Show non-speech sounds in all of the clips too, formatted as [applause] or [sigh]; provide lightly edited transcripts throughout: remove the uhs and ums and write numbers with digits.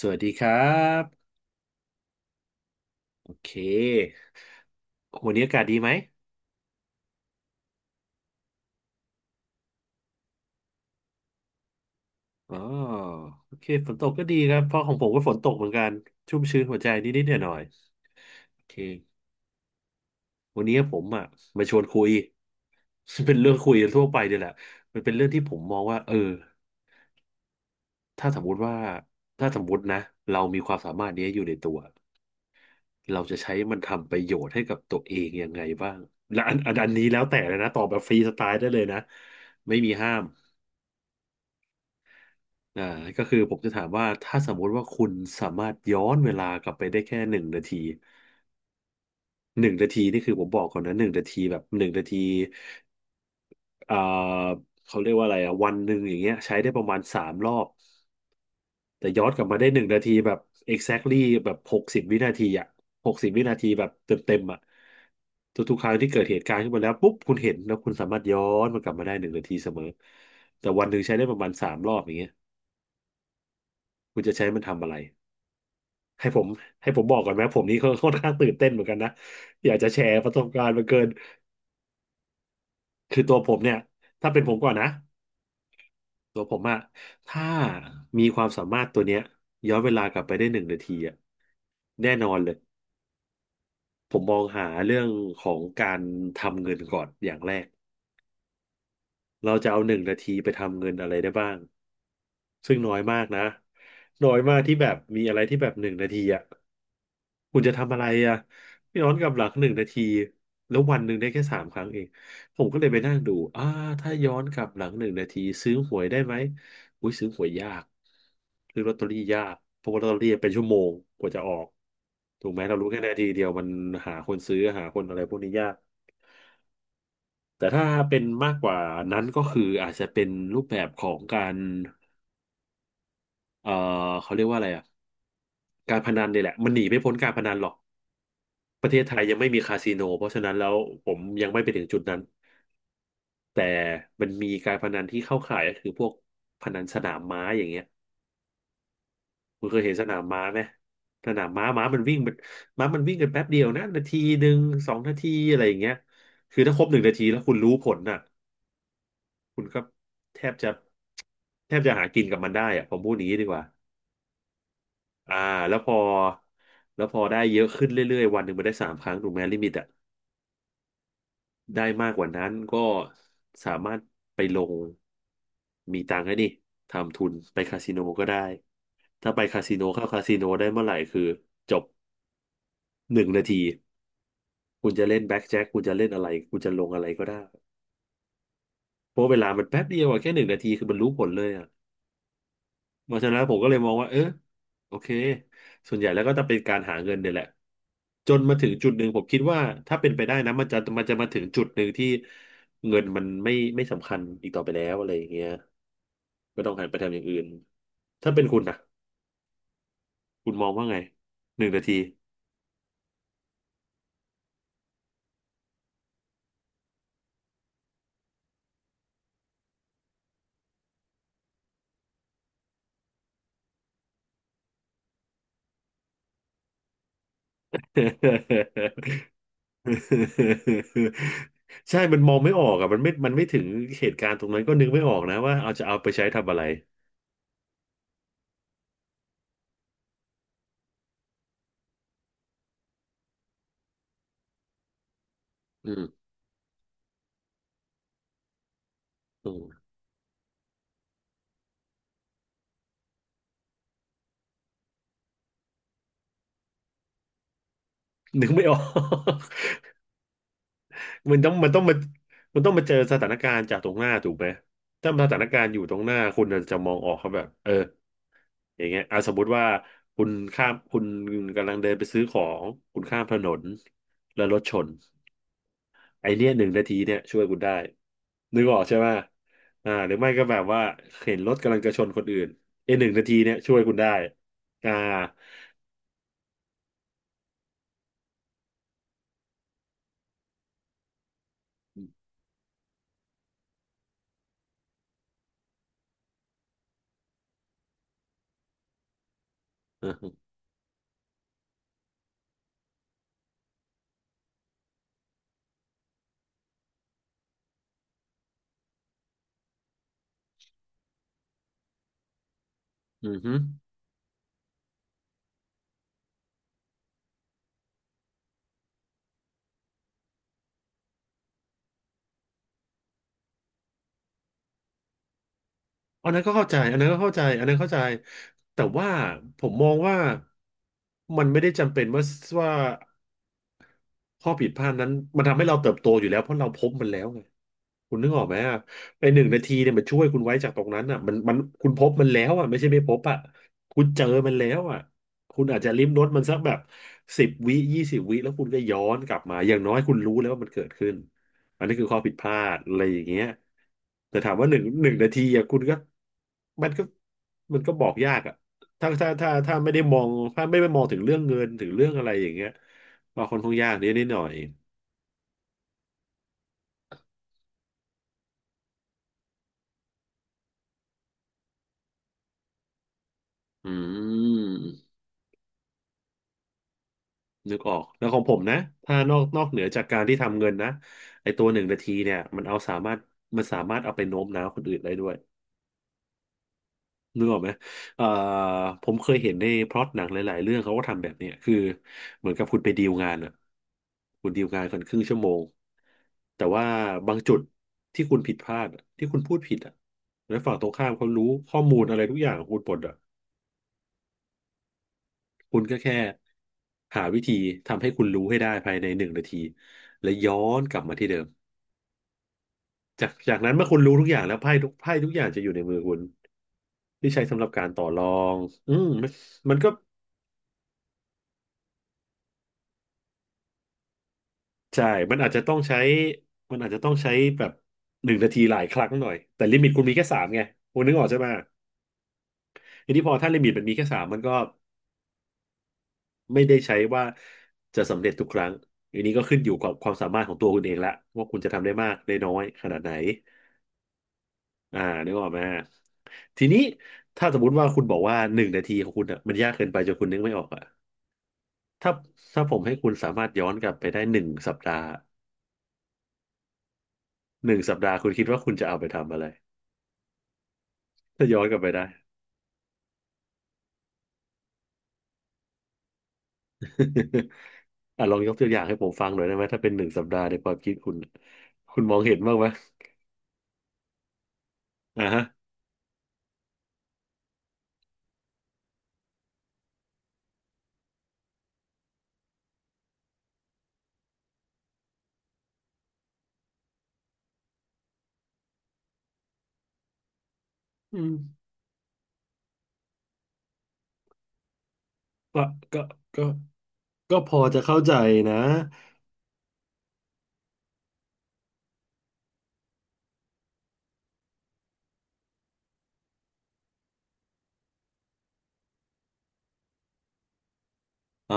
สวัสดีครับโอเควันนี้อากาศดีไหมอ๋อโอเคฝนตกก็ดีครับเพราะของผมก็ฝนตกเหมือนกันชุ่มชื้นหัวใจนิดๆหน่อยๆโอเควันนี้ผมอ่ะมาชวนคุย [laughs] เป็นเรื่องคุยทั่วไปเนี่ยแหละมันเป็นเรื่องที่ผมมองว่าถ้าสมมุติว่าถ้าสมมุตินะเรามีความสามารถนี้อยู่ในตัวเราจะใช้มันทำประโยชน์ให้กับตัวเองยังไงบ้างและอันนี้แล้วแต่เลยนะตอบแบบฟรีสไตล์ได้เลยนะไม่มีห้าม อ่าก็คือผมจะถามว่าถ้าสมมุติว่าคุณสามารถย้อนเวลากลับไปได้แค่หนึ่งนาทีหนึ่งนาทีนี่คือผมบอกก่อนนะหนึ่งนาทีแบบหนึ่งนาทีอ่าเขาเรียกว่าอะไรอ่ะวันหนึ่งอย่างเงี้ยใช้ได้ประมาณสามรอบแต่ย้อนกลับมาได้หนึ่งนาทีแบบ exactly แบบ60 วินาทีอ่ะหกสิบวินาทีแบบเต็มเต็มอ่ะทุกๆครั้งที่เกิดเหตุการณ์ขึ้นมาแล้วปุ๊บคุณเห็นแล้วคุณสามารถย้อนมันกลับมาได้หนึ่งนาทีเสมอแต่วันหนึ่งใช้ได้ประมาณสามรอบอย่างเงี้ยคุณจะใช้มันทำอะไร ให้ผมให้ผมบอกก่อนไหมผมนี่ค่อนข้างตื่นเต้นเหมือนกันนะอยากจะแชร์ประสบการณ์มาเกินคือตัวผมเนี่ยถ้าเป็นผมก่อนนะตัวผมอะถ้ามีความสามารถตัวเนี้ยย้อนเวลากลับไปได้หนึ่งนาทีอะแน่นอนเลยผมมองหาเรื่องของการทำเงินก่อนอย่างแรกเราจะเอาหนึ่งนาทีไปทำเงินอะไรได้บ้าง ซึ่งน้อยมากนะน้อยมากที่แบบมีอะไรที่แบบหนึ่งนาทีอ่ะ คุณจะทำอะไรอ่ะไม่ย้อนกลับหลังหนึ่งนาที แล้ววันหนึ่งได้แค่สามครั้งเองผมก็เลยไปนั่งดูอ่าถ้าย้อนกลับหลังหนึ่งนาทีซื้อหวยได้ไหมอุ้ยซื้อหวยยากซื้อลอตเตอรี่ยากเพราะว่าลอตเตอรี่เป็นชั่วโมงกว่าจะออกถูกไหมเรารู้แค่นาทีเดียวมันหาคนซื้อหาคนอะไรพวกนี้ยาก แต่ถ้าเป็นมากกว่านั้นก็คืออาจจะเป็นรูปแบบของการเอ่อเขาเรียกว่าอะไรอ่ะ การพนันเนี่ยแหละมันหนีไม่พ้นการพนันหรอกประเทศไทยยังไม่มีคาสิโนเพราะฉะนั้นแล้วผมยังไม่ไปถึงจุดนั้นแต่มันมีการพนันที่เข้าข่ายก็คือพวกพนันสนามม้าอย่างเงี้ยคุณเคยเห็นสนามม้าไหมสนามม้าม้ามันวิ่งมันม้ามันวิ่งกันแป๊บเดียวนะนาทีหนึ่งสองนาทีอะไรอย่างเงี้ยคือถ้าครบหนึ่งนาทีแล้วคุณรู้ผลน่ะคุณก็แทบจะแทบจะหากินกับมันได้อะผมพูดอย่างนี้ดีกว่าอ่าแล้วพอแล้วพอได้เยอะขึ้นเรื่อยๆวันหนึ่งมันได้สามครั้งถูกไหมลิมิตอะ ได้มากกว่านั้นก็สามารถไปลงมีตังค์ให้นี่ทำทุนไปคาสิโนก็ได้ถ้าไปคาสิโนเข้าคาสิโนได้เมื่อไหร่คือจบหนึ่งนาทีคุณจะเล่นแบ็ k แจ็คคุณจะเล่นอะไรคุณจะลงอะไรก็ได้เพราะเวลามันแป๊บเดียวอะแค่หนึ่งนาทีคือมันรู้ผลเลยอะ เพราะฉะนั้นผมก็เลยมองว่าเออโอเคส่วนใหญ่แล้วก็จะเป็นการหาเงินเนี่ยแหละจนมาถึงจุดหนึ่งผมคิดว่าถ้าเป็นไปได้นะมันจะมาถึงจุดหนึ่งที่เงินมันไม่สำคัญอีกต่อไปแล้วอะไรอย่างเงี้ยก็ต้องหันไปทำอย่างอื่นถ้าเป็นคุณนะคุณมองว่าไงหนึ่งนาที [laughs] ใช่มันมองไม่ออกอ่ะมันไม่ถึงเหตุการณ์ตรงนั้นก็นึกไม่ออกนะว่าเอาไปใช้ทำอะไรอืมอืมนึกไม่ออก มันต้องมันต้องมามันต้องมาเจอสถานการณ์จากตรงหน้าถูกไหมถ้าสถานการณ์อยู่ตรงหน้าคุณอาจจะมองออกครับแบบเอออย่างเงี้ยอ่ะสมมุติว่าคุณข้ามคุณกำลังเดินไปซื้อของคุณข้ามถนนแล้วรถชนไอเนี้ยหนึ่งนาทีเนี่ยช่วยคุณได้นึกออกใช่ไหมอ่าหรือไม่ก็แบบว่าเห็นรถกำลังจะชนคนอื่นไอหนึ่งนาทีเนี่ยช่วยคุณได้อ่าอือฮึอือฮึ อันนั้นก็เข้าใจ อันนั้นก็เข้าใจอันนั้นเข้าใจ แต่ว่าผมมองว่ามันไม่ได้จำเป็นว่าข้อผิดพลาดนั้นมันทำให้เราเติบโตอยู่แล้วเพราะเราพบมันแล้วไง คุณนึกออกไหมอ่ะไอหนึ่งนาทีเนี่ยมันช่วยคุณไว้จากตรงนั้นอ่ะมันคุณพบมันแล้วอ่ะไม่ใช่ไม่พบอ่ะคุณเจอมันแล้วอ่ะคุณอาจจะลิ้มรสมันสักแบบสิบวิ20 วิแล้วคุณก็ย้อนกลับมาอย่างน้อยคุณรู้แล้วว่ามันเกิดขึ้นอันนี้คือข้อผิดพลาดอะไรอย่างเงี้ยแต่ถามว่าหนึ่งนาทีอ่ะคุณก็มันก็มันก็บอกยากอ่ะถ้าไม่ได้มองถ้าไม่ได้มองถึงเรื่องเงินถึงเรื่องอะไรอย่างเงี้ยก็ค่อนข้างยากนิดหน่อยอืม นึกออก แล้วของผมนะถ้านอกเหนือจากการที่ทำเงินนะไอตัวหนึ่งนาทีเนี่ยมันเอาสามารถมันสามารถเอาไปโน้มน้าวคนอื่นได้ด้วย นึกออกไหมเอ่อผมเคยเห็นในพล็อตหนังหลายๆเรื่องเขาก็ทำแบบเนี้ยคือเหมือนกับคุณไปดีลงานอะคุณดีลงานกันครึ่งชั่วโมง แต่ว่าบางจุดที่คุณผิดพลาดอะที่คุณพูดผิดอะแล้วฝั่งตรงข้ามเขารู้ข้อมูลอะไรทุกอย่างของคุณหมดอะ คุณก็แค่หาวิธีทำให้คุณรู้ให้ได้ภายในหนึ่งนาทีและย้อนกลับมาที่เดิมจากนั้นเมื่อคุณรู้ทุกอย่างแล้วไพ่ทุกไพ่ทุกอย่างจะอยู่ในมือคุณที่ใช้สำหรับการต่อรองอืมมันก็ใช่มันอาจจะต้องใช้มันอาจจะต้องใช้แบบหนึ่งนาทีหลายครั้งหน่อยแต่ลิมิตคุณมีแค่สามไงคุณนึกออกใช่ไหมทีนี้พอถ้าลิมิตมันมีแค่สามมันก็ไม่ได้ใช้ว่าจะสำเร็จทุกครั้งอันนี้ก็ขึ้นอยู่กับความสามารถของตัวคุณเองละว่าคุณจะทำได้มากได้น้อยขนาดไหน อ่านึกออกไหมทีนี้ถ้าสมมติว่าคุณบอกว่าหนึ่งนาทีของคุณอ่ะมันยากเกินไปจนคุณนึกไม่ออกอ่ะถ้าถ้าผมให้คุณสามารถย้อนกลับไปได้หนึ่งสัปดาห์หนึ่งสัปดาห์คุณคิดว่าคุณจะเอาไปทำอะไรถ้าย้อนกลับไปได้ [laughs] อ่ะลองยกตัวอย่างให้ผมฟังหน่อยได้ไหมถ้าเป็นหนึ่งสัปดาห์ในความคิดคุณคุณมองเห็นบ้างไหมอ่าฮะอืมก็ก็ก็ก็พอจะเข้าใจนะอ๋อ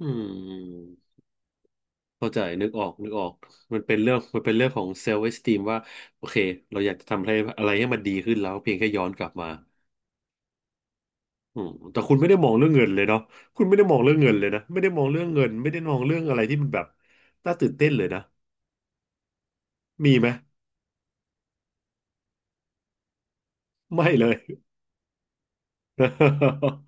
อืม เข้าใจนึกออกนึกออกมันเป็นเรื่องมันเป็นเรื่องของเซลฟ์เอสติมว่าโอเคเราอยากจะทำอะไรอะไรให้มันดีขึ้นแล้วเพียงแค่ย้อนกลับมาอืมแต่คุณไม่ได้มองเรื่องเงินเลยเนาะคุณไม่ได้มองเรื่องเงินเลยนะไม่ได้มองเรื่องเงินไม่ได้มองเรื่องอะไรที่มันแบบน่าตื่นเต้นเลยนะมีไหมไม่เลย [laughs]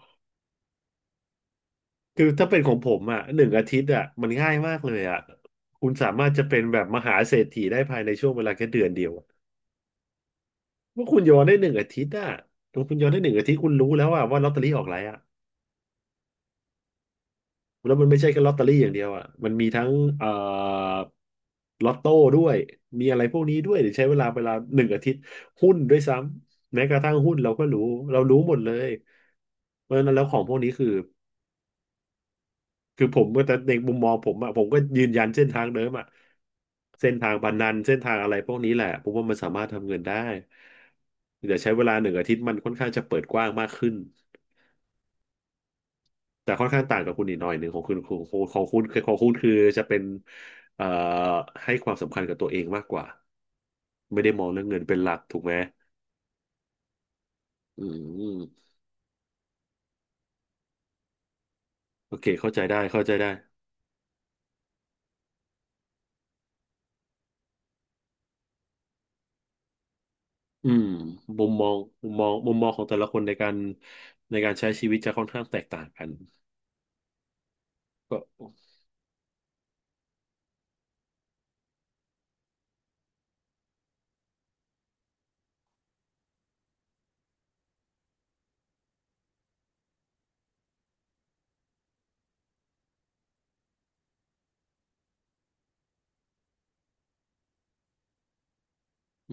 คือถ้าเป็นของผมอ่ะหนึ่งอาทิตย์อ่ะมันง่ายมากเลยอ่ะคุณสามารถจะเป็นแบบมหาเศรษฐีได้ภายในช่วงเวลาแค่1 เดือนอะว่าคุณย้อนได้หนึ่งอาทิตย์อ่ะถ้าคุณย้อนได้หนึ่งอาทิตย์คุณรู้แล้วอ่ะว่าลอตเตอรี่ออกอะไรอ่ะ แล้วมันไม่ใช่แค่ลอตเตอรี่อย่างเดียวอ่ะมันมีทั้งเอ่อลอตโต้ด้วย มีอะไรพวกนี้ด้วยเดี๋ยวใช้เวลาหนึ่งอาทิตย์หุ้นด้วยซ้ำ แม้กระทั่งหุ้นเราก็รู้เรารู้หมดเลยเพราะฉะนั้นแล้วของพวกนี้คือคือผมก็แต่ในมุมมองผมอ่ะผมก็ยืนยันเส้นทางเดิมอ่ะเส้นทางพนันเส้นทางอะไรพวกนี้แหละผมว่ามันสามารถทำเงินได้เดี๋ยวใช้เวลาหนึ่งอาทิตย์มันค่อนข้างจะเปิดกว้างมากขึ้น แต่ค่อนข้างต่างกับคุณอีกหน่อยหนึ่งของคุณของคุณของคุณืของคุณคือจะเป็นเอ่อให้ความสำคัญกับตัวเองมากกว่าไม่ได้มองเรื่องเงินเป็นหลักถูกไหมอืมโอเคเข้าใจได้เข้าใจได้อืมมุมมองมุมมองของแต่ละคนในการในการใช้ชีวิตจะค่อนข้างแตกต่างกันก็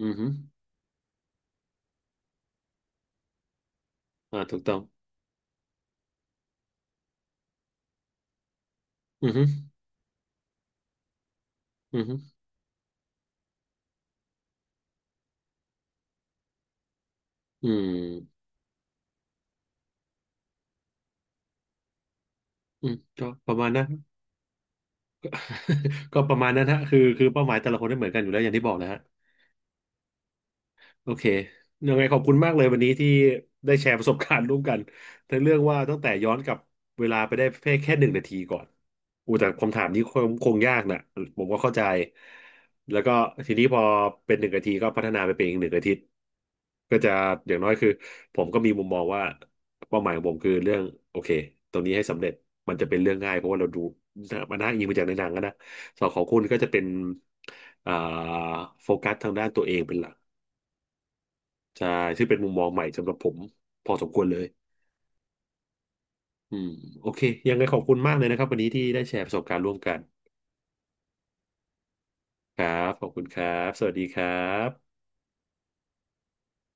อือฮึอ่าถูกต้องอือฮึอือฮึอืมอืมก็ประมาณนั้นก็ [laughs] ก็ประมาณนั้นฮะคือคือเป้าหมายแต่ละคนไม่เหมือนกันอยู่แล้วอย่างที่บอกนะฮะ โอเคยังไงขอบคุณมากเลยวันนี้ที่ได้แชร์ประสบการณ์ร่วมกันทั้งเรื่องว่าตั้งแต่ย้อนกลับเวลาไปได้เพียงแค่หนึ่งนาทีก่อนอูแต่คำถามนี้คงยากนะผมก็เข้าใจแล้วก็ทีนี้พอเป็นหนึ่งนาทีก็พัฒนาไปเป็นอีกหนึ่งอาทิตย์ก็จะอย่างน้อยคือผมก็มีมุมมองว่าเป้าหมายของผมคือเรื่องโอเคตรงนี้ให้สำเร็จมันจะเป็นเรื่องง่ายเพราะว่าเราดูมันน่าอิงมาจากในหนังอะนะส่วนของคุณก็จะเป็นอ่าโฟกัสทางด้านตัวเองเป็นหลัก ใช่ซึ่งเป็นมุมมองใหม่สำหรับผม พอสมควรเลยอืมโอเค ยังไงขอบคุณมากเลยนะครับวันนี้ที่ได้แชร์ประสบการณ์ร่วมกัน ครับ ขอบคุณครับ สวัสดีครับ